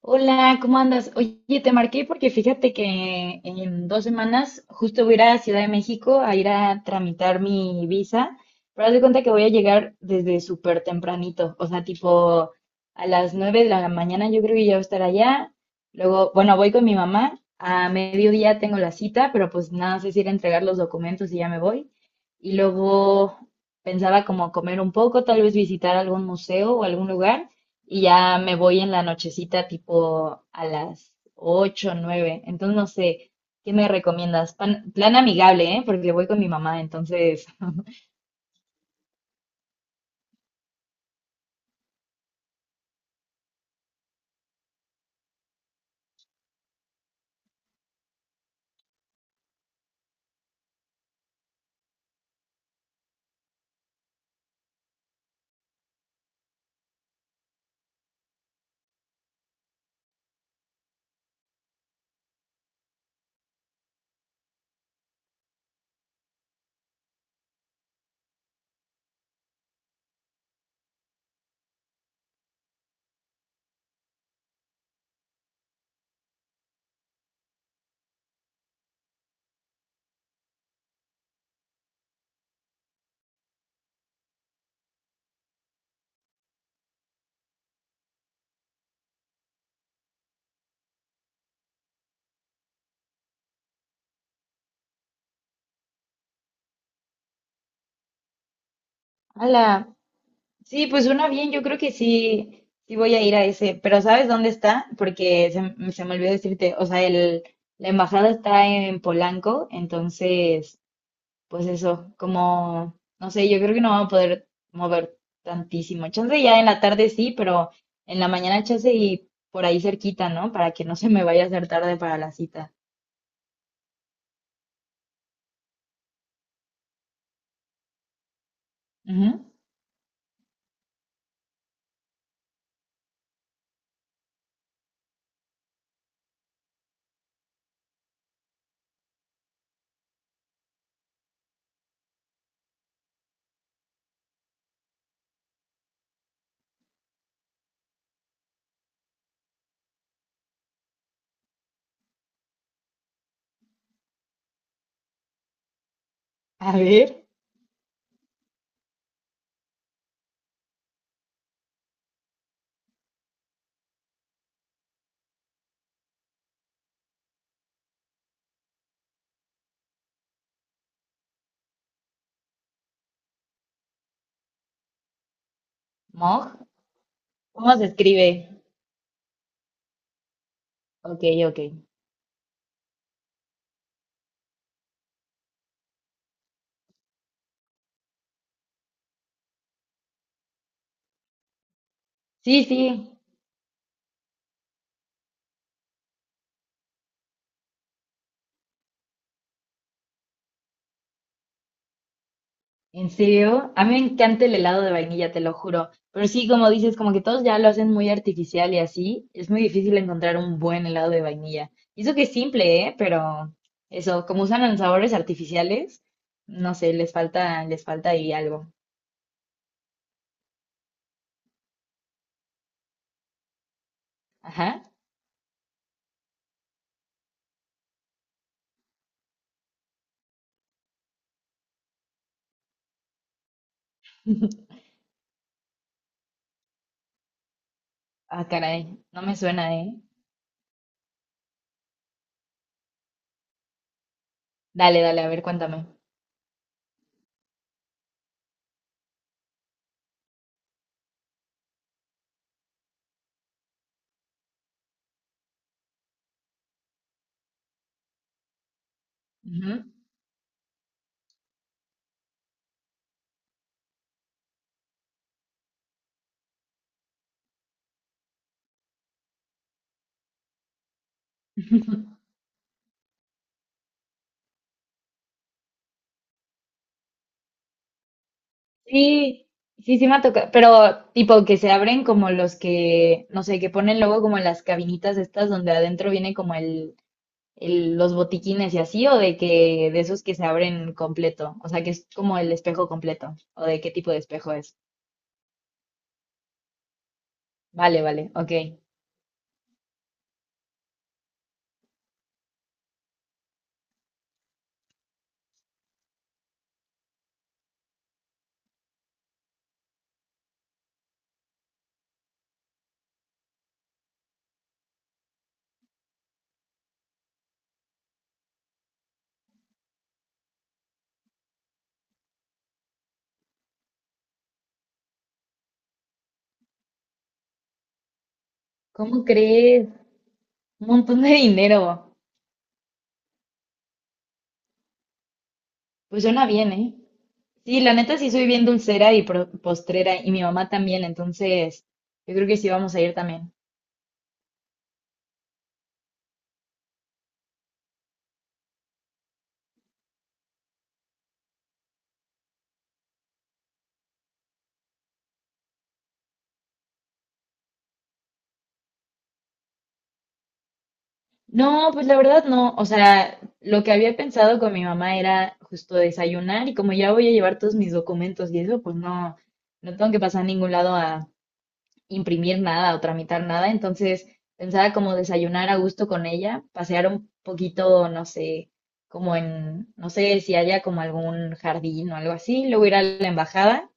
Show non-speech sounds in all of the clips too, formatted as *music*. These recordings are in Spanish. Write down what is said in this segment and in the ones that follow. Hola, ¿cómo andas? Oye, te marqué porque fíjate que en 2 semanas justo voy a ir a Ciudad de México a ir a tramitar mi visa, pero haz de cuenta que voy a llegar desde súper tempranito, o sea, tipo a las 9 de la mañana yo creo que ya voy a estar allá. Luego, bueno, voy con mi mamá, a mediodía tengo la cita, pero pues nada, sé si ir a entregar los documentos y ya me voy. Y luego pensaba como comer un poco, tal vez visitar algún museo o algún lugar y ya me voy en la nochecita tipo a las 8 nueve. Entonces no sé, ¿qué me recomiendas? Plan amigable, ¿eh? Porque voy con mi mamá, entonces. *laughs* Hola. Sí, pues suena bien, yo creo que sí, sí voy a ir a ese, pero ¿sabes dónde está? Porque se me olvidó decirte, o sea, la embajada está en Polanco, entonces... pues eso, como, no sé, yo creo que no vamos a poder mover tantísimo. Chance ya en la tarde sí, pero en la mañana chance y por ahí cerquita, ¿no? Para que no se me vaya a hacer tarde para la cita. Ujú. A ver, Moj, ¿cómo se escribe? Ok, ok. Sí, sí. ¿En serio? A mí me encanta el helado de vainilla, te lo juro. Pero sí, como dices, como que todos ya lo hacen muy artificial y así, es muy difícil encontrar un buen helado de vainilla. Y eso que es simple, ¿eh? Pero eso, como usan los sabores artificiales, no sé, les falta ahí algo. Ajá. *laughs* Ah, caray, no me suena, ¿eh? Dale, dale, a ver, cuéntame. Ujú. Sí, sí, sí me ha tocado, pero tipo que se abren como los que, no sé, que ponen luego como en las cabinitas estas donde adentro viene como los botiquines y así, o de que de esos que se abren completo, o sea, que es como el espejo completo, o de qué tipo de espejo es. Vale, vale, ok. ¿Cómo crees? Un montón de dinero. Pues suena bien, ¿eh? Sí, la neta sí soy bien dulcera y postrera, y mi mamá también, entonces yo creo que sí vamos a ir también. No, pues la verdad no, o sea, lo que había pensado con mi mamá era justo desayunar y como ya voy a llevar todos mis documentos y eso, pues no, no tengo que pasar a ningún lado a imprimir nada o tramitar nada, entonces pensaba como desayunar a gusto con ella, pasear un poquito, no sé, como en, no sé si haya como algún jardín o algo así, luego ir a la embajada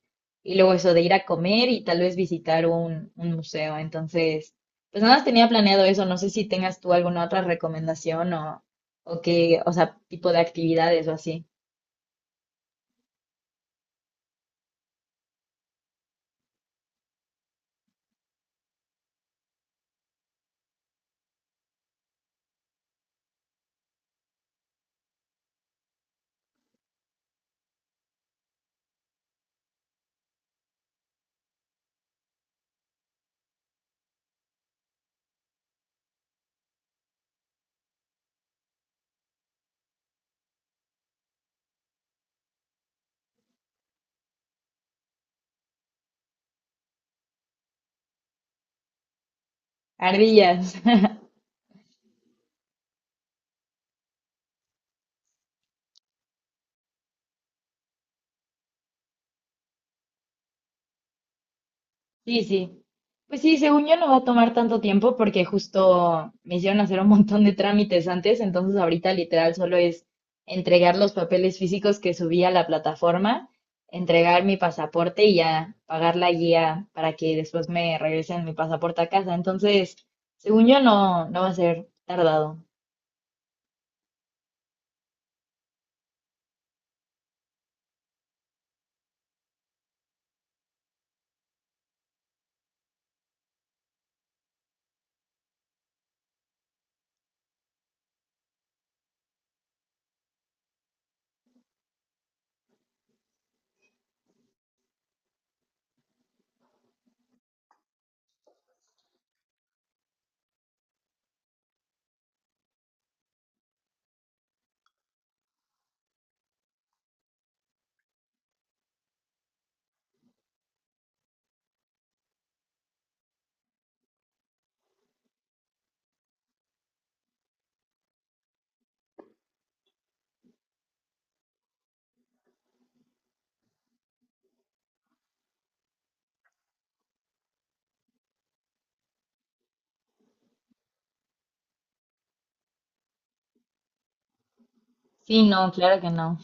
y luego eso de ir a comer y tal vez visitar un, museo. Entonces, pues nada más tenía planeado eso, no sé si tengas tú alguna otra recomendación o qué, o sea, tipo de actividades o así. Ardillas. Sí, sí. Pues sí, según yo no va a tomar tanto tiempo porque justo me hicieron hacer un montón de trámites antes, entonces ahorita literal solo es entregar los papeles físicos que subí a la plataforma, entregar mi pasaporte y ya pagar la guía para que después me regresen mi pasaporte a casa. Entonces, según yo no, no va a ser tardado. Sí, no, claro que no.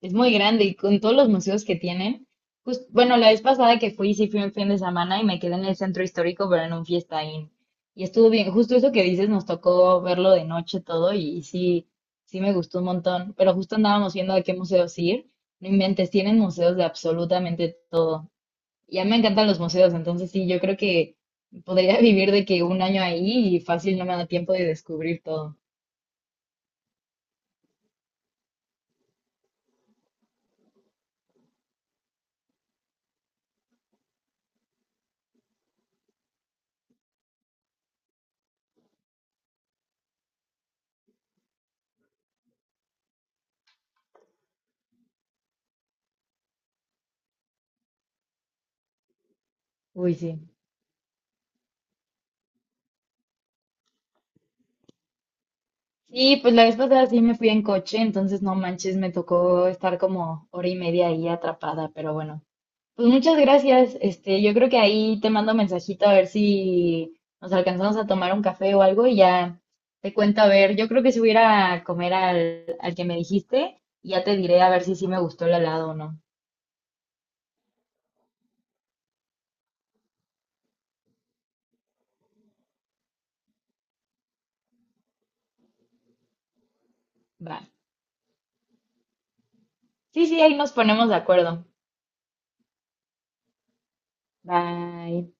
Es muy grande y con todos los museos que tienen. Pues, bueno, la vez pasada que fui, sí fui un fin de semana y me quedé en el centro histórico, pero en un fiestaín. Y estuvo bien, justo eso que dices, nos tocó verlo de noche todo y, sí, sí me gustó un montón. Pero justo andábamos viendo a qué museos ir. No inventes, tienen museos de absolutamente todo. Ya me encantan los museos, entonces sí, yo creo que podría *laughs* vivir de que un año ahí y fácil no me da tiempo de descubrir todo. Uy, sí. Sí, pues la vez pasada sí me fui en coche, entonces no manches, me tocó estar como hora y media ahí atrapada, pero bueno. Pues muchas gracias. Este, yo creo que ahí te mando mensajito a ver si nos alcanzamos a tomar un café o algo y ya te cuento a ver. Yo creo que si voy a ir a comer al que me dijiste, y ya te diré a ver si sí me gustó el helado o no. Va. Sí, sí, ahí nos ponemos de acuerdo. Bye.